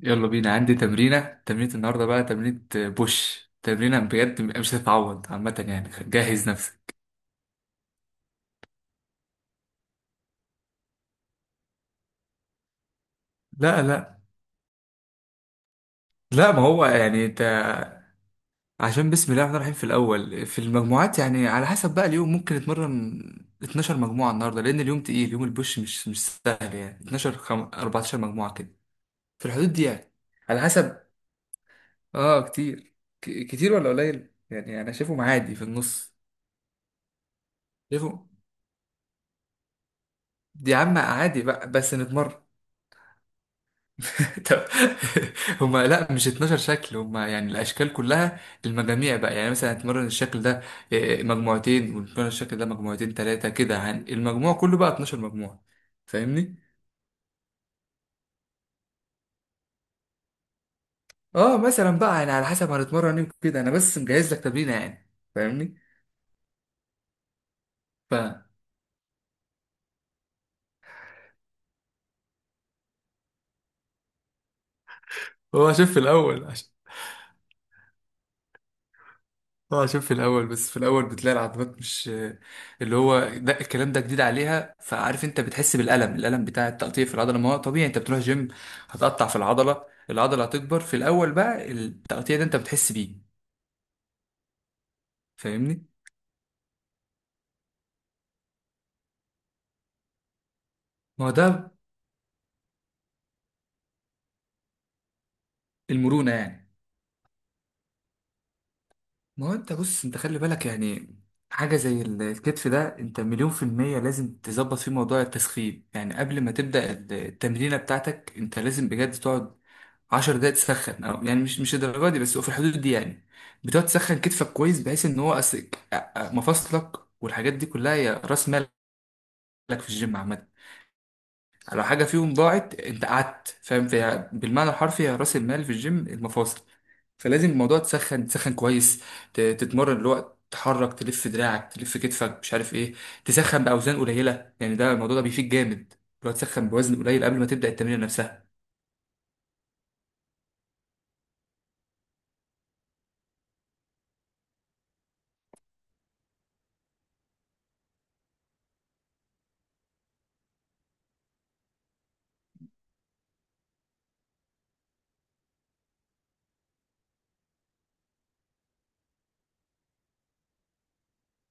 يلا بينا، عندي تمرينة النهاردة، بقى تمرينة بوش، تمرينة بجد مش هتتعوض عامة، يعني جهز نفسك. لا لا لا، ما هو يعني انت، عشان بسم الله الرحمن الرحيم، في الأول في المجموعات يعني على حسب بقى اليوم ممكن اتمرن 12 مجموعة النهاردة، لأن اليوم تقيل، يوم البوش مش سهل يعني. 14 مجموعة كده، في الحدود دي يعني، على حسب. اه كتير، كتير ولا قليل؟ يعني أنا شايفهم عادي، في النص شايفهم. دي يا عم عادي بقى، بس نتمرن. طب هما لا، مش 12 شكل، هما يعني الاشكال كلها، المجاميع بقى، يعني مثلا هتمرن الشكل ده مجموعتين، وتمرن الشكل ده مجموعتين، ثلاثه كده، المجموع كله بقى 12 مجموعه. فاهمني؟ اه مثلا بقى يعني على حسب هنتمرن ايه كده، انا بس مجهز لك تمرينه يعني. فاهمني؟ ف هو شوف في الاول، اه عشان في الاول، في الاول بتلاقي العضلات مش، اللي هو ده، الكلام ده جديد عليها، فعارف انت بتحس بالالم، الالم بتاع التقطيع في العضله، ما هو طبيعي، انت بتروح جيم هتقطع في العضله، العضله هتكبر، في الاول بقى التقطيع ده انت بتحس بيه. فاهمني؟ ما هو ده، المرونه يعني. ما هو انت بص، انت خلي بالك يعني، حاجه زي الكتف ده، انت مليون في الميه لازم تظبط فيه موضوع التسخين، يعني قبل ما تبدا التمرينه بتاعتك، انت لازم بجد تقعد 10 دقايق تسخن، أو يعني مش الدرجه دي، بس هو في الحدود دي يعني، بتقعد تسخن كتفك كويس، بحيث ان هو مفاصلك والحاجات دي كلها، هي راس مالك في الجيم عامه، لو حاجه فيهم ضاعت انت قعدت، فاهم فيها؟ بالمعنى الحرفي، هي راس المال في الجيم المفاصل. فلازم الموضوع تسخن تسخن كويس، تتمرن الوقت، تحرك، تلف دراعك، تلف كتفك، مش عارف ايه، تسخن باوزان قليله يعني، ده الموضوع ده بيفيد جامد، لو تسخن بوزن قليل قبل ما تبدا التمرين نفسها.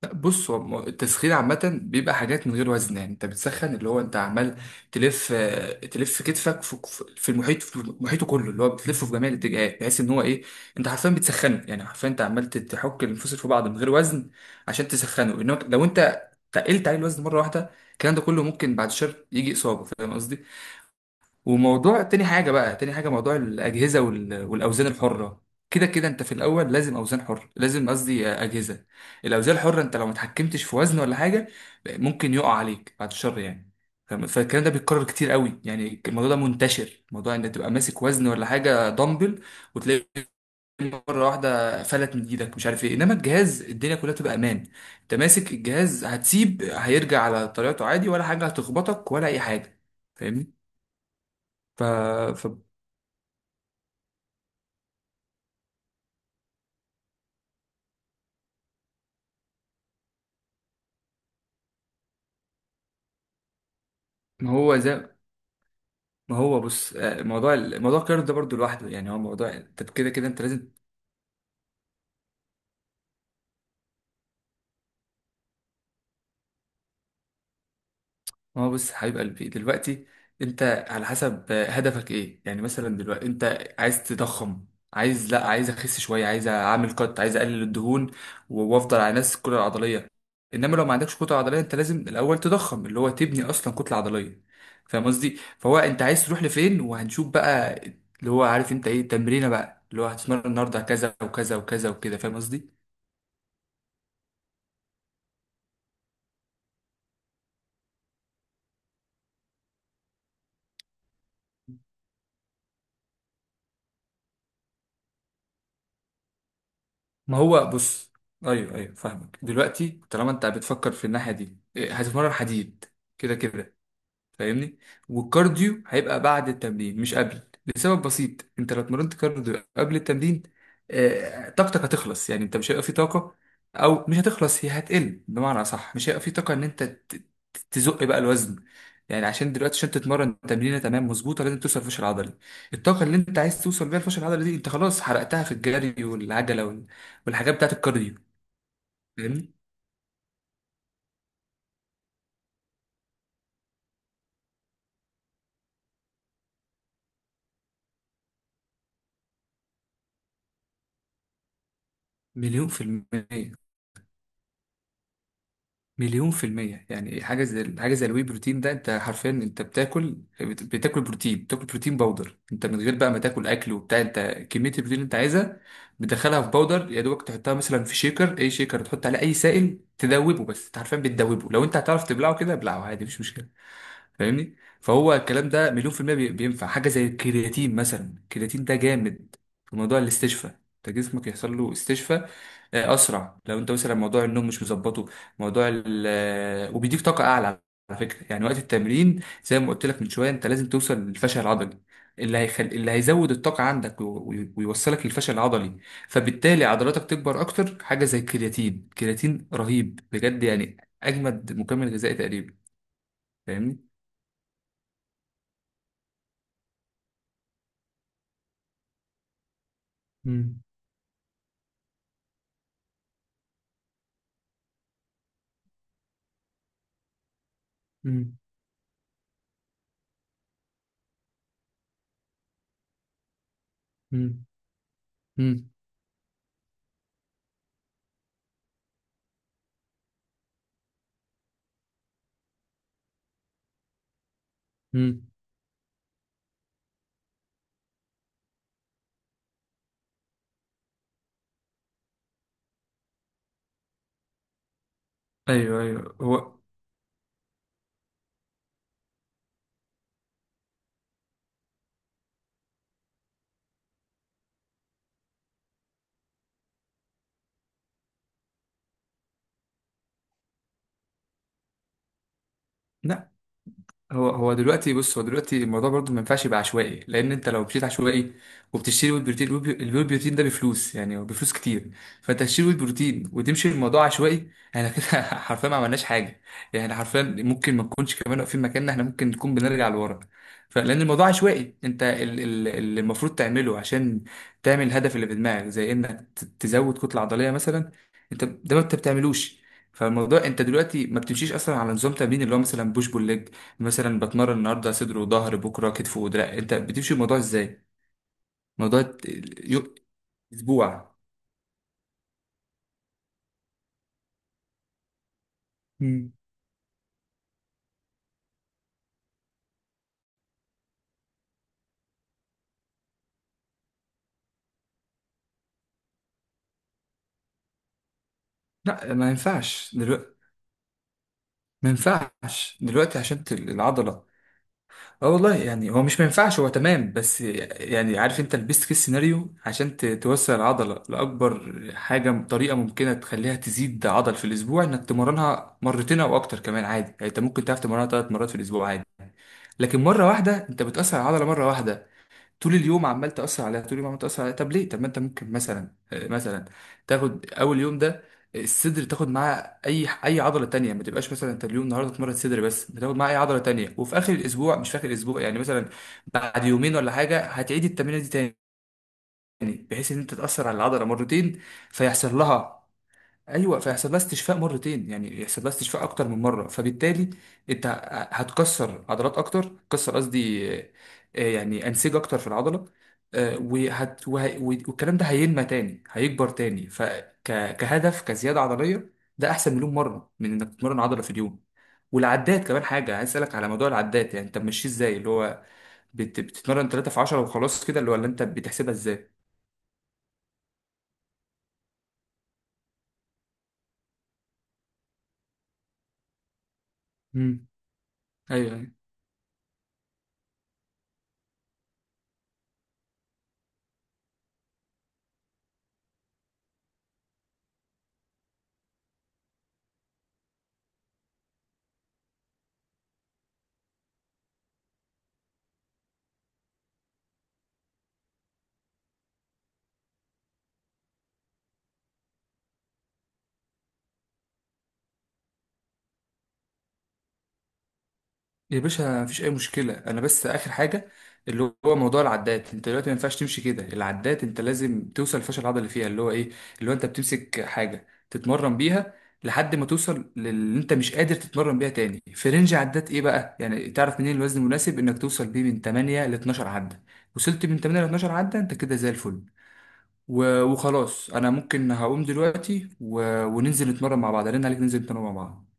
لا، بص هو التسخين عامة بيبقى حاجات من غير وزن، يعني انت بتسخن، اللي هو انت عمال تلف كتفك في المحيط، في محيطه كله، اللي هو بتلفه في جميع الاتجاهات، بحيث ان هو ايه، انت حرفيا بتسخنه، يعني حرفيا انت عمال تحك الانفصل في بعض من غير وزن عشان تسخنه. انما لو انت تقلت عليه الوزن مرة واحدة، الكلام ده كله ممكن بعد شهر يجي إصابة. فاهم قصدي؟ وموضوع تاني حاجة بقى، تاني حاجة موضوع الأجهزة والأوزان الحرة. كده كده أنت في الأول لازم أوزان حرة، لازم قصدي أجهزة. الأوزان الحرة أنت لو ما اتحكمتش في وزن ولا حاجة، ممكن يقع عليك بعد الشر يعني. فاهم؟ فالكلام ده بيتكرر كتير قوي، يعني الموضوع ده منتشر، موضوع ان تبقى ماسك وزن ولا حاجه، دمبل، وتلاقي مره واحده فلت من ايدك، مش عارف ايه. انما الجهاز الدنيا كلها تبقى امان، انت ماسك الجهاز هتسيب، هيرجع على طريقته عادي ولا حاجه، هتخبطك ولا اي حاجه؟ فاهمني؟ ف... ما هو زي ما هو بص، موضوع موضوع القرار ده برضو لوحده، يعني هو موضوع، انت كده كده انت لازم. ما هو بص حبيب قلبي دلوقتي، انت على حسب هدفك ايه، يعني مثلا دلوقتي انت عايز تضخم، عايز لا عايز اخس شويه، عايز اعمل كات، عايز اقلل الدهون وافضل على نفس الكتله العضليه. انما لو ما عندكش كتله عضليه، انت لازم الاول تضخم، اللي هو تبني اصلا كتله عضليه. فاهم قصدي؟ فهو انت عايز تروح لفين؟ وهنشوف بقى اللي هو، عارف انت ايه تمرينه بقى اللي هو هتتمرن النهارده، كذا وكذا وكذا وكده. فاهم قصدي؟ ما هو بص، ايوه ايوه، فاهمك دلوقتي. طالما انت بتفكر في الناحيه دي هتتمرن حديد، كده كده. فاهمني؟ والكارديو هيبقى بعد التمرين مش قبل، لسبب بسيط، انت لو اتمرنت كارديو قبل التمرين طاقتك هتخلص، يعني انت مش هيبقى في طاقة، او مش هتخلص، هي هتقل بمعنى صح، مش هيبقى في طاقة ان انت تزق بقى الوزن، يعني عشان دلوقتي عشان تتمرن تمرينه تمام مظبوطه، لازم توصل الفشل العضلي. الطاقه اللي انت عايز توصل بيها الفشل العضلي دي، انت خلاص حرقتها في الجري والعجله والحاجات بتاعت الكارديو. فاهمني؟ مليون في المية. مليون في المية، يعني حاجة زي، حاجة زي الواي بروتين ده، انت حرفيا انت بتاكل، بتاكل بروتين، بتاكل بروتين باودر، انت من غير بقى ما تاكل اكل وبتاع، انت كمية البروتين اللي انت عايزها بتدخلها في باودر، يا دوبك تحطها مثلا في شيكر، اي شيكر، تحط عليه اي سائل تدوبه، بس انت حرفيا بتدوبه، لو انت هتعرف تبلعه كده ابلعه عادي، مش مشكلة. فاهمني؟ فهو الكلام ده مليون في المية بينفع. حاجة زي الكرياتين مثلا، الكرياتين ده جامد في موضوع الاستشفاء، انت جسمك يحصل له استشفاء اسرع. لو انت مثلا موضوع النوم مش مظبطه، موضوع ال وبيديك طاقه اعلى، على فكره يعني. وقت التمرين، زي ما قلت لك من شويه، انت لازم توصل للفشل العضلي. اللي هيزود الطاقه عندك ويوصلك للفشل العضلي، فبالتالي عضلاتك تكبر اكتر. حاجه زي الكرياتين، الكرياتين رهيب بجد يعني، اجمد مكمل غذائي تقريبا. فاهمني؟ مم. مم. مم. مم. مم. ايوه ايوه، هو لا، هو دلوقتي بص، هو دلوقتي الموضوع برضو ما ينفعش يبقى عشوائي، لان انت لو مشيت عشوائي وبتشتري ويل بروتين، الويل بروتين ده بفلوس، يعني هو بفلوس كتير. فانت تشتري ويل بروتين وتمشي الموضوع عشوائي، احنا كده حرفيا ما عملناش حاجه، يعني إحنا حرفيا ممكن ما نكونش كمان واقفين مكاننا، احنا ممكن نكون بنرجع لورا. فلان الموضوع عشوائي، انت اللي المفروض تعمله عشان تعمل الهدف اللي في دماغك، زي انك تزود كتله عضليه مثلا، انت ده ما انت بتعملوش. فالموضوع، انت دلوقتي ما بتمشيش اصلا على نظام تمرين، اللي هو مثلا بوش بول ليج. مثلا بتمرن النهارده صدر وظهر، بكره كتف ودراع. انت بتمشي الموضوع ازاي؟ موضوع ت- يو- اسبوع؟ مم. لا ما ينفعش دلوقتي، ما ينفعش دلوقتي، عشان العضله، اه والله، يعني هو مش ما ينفعش، هو تمام، بس يعني عارف انت البيست كيس سيناريو عشان توسع العضله لاكبر حاجه، طريقه ممكنه تخليها تزيد عضل في الاسبوع، انك تمرنها مرتين او اكتر كمان عادي، يعني انت ممكن تعرف تمرنها ثلاث مرات في الاسبوع عادي. لكن مره واحده انت بتاثر على العضله مره واحده، طول اليوم عمال تأثر عليها، طول اليوم عمال تأثر عليها، طب ليه؟ طب ما انت ممكن مثلا مثلا تاخد اول يوم ده الصدر، تاخد معاه اي عضله تانية، ما تبقاش مثلا انت اليوم النهارده اتمرن صدر بس، بتاخد معاه اي عضله تانية، وفي اخر الاسبوع، مش في اخر الاسبوع يعني، مثلا بعد يومين ولا حاجه هتعيد التمرينه دي تاني، بحيث ان انت تاثر على العضله مرتين، فيحصل لها، ايوه فيحصل لها استشفاء مرتين، يعني يحصل لها استشفاء اكتر من مره. فبالتالي انت هتكسر عضلات اكتر، تكسر قصدي يعني انسجه اكتر في العضله، والكلام ده هينمى تاني، هيكبر تاني، فكهدف كزياده عضليه ده احسن مليون مره من انك تتمرن عضله في اليوم. والعدات كمان حاجه عايز اسالك على موضوع العدات، يعني انت ماشي ازاي اللي هو؟ بتتمرن 3 في 10 وخلاص كده؟ اللي هو اللي انت بتحسبها ازاي؟ مم. ايوه. يا باشا مفيش اي مشكله، انا بس اخر حاجه اللي هو موضوع العدات، انت دلوقتي ما ينفعش تمشي كده العدات، انت لازم توصل الفشل العضلي اللي فيها، اللي هو ايه، اللي هو انت بتمسك حاجه تتمرن بيها لحد ما توصل للي انت مش قادر تتمرن بيها تاني، في رينج عدات ايه بقى؟ يعني تعرف منين الوزن المناسب؟ انك توصل بيه من 8 ل 12 عده، وصلت من 8 ل 12 عده انت كده زي الفل. وخلاص، انا ممكن هقوم دلوقتي وننزل نتمرن مع بعض، رن عليك، ننزل نتمرن مع بعض.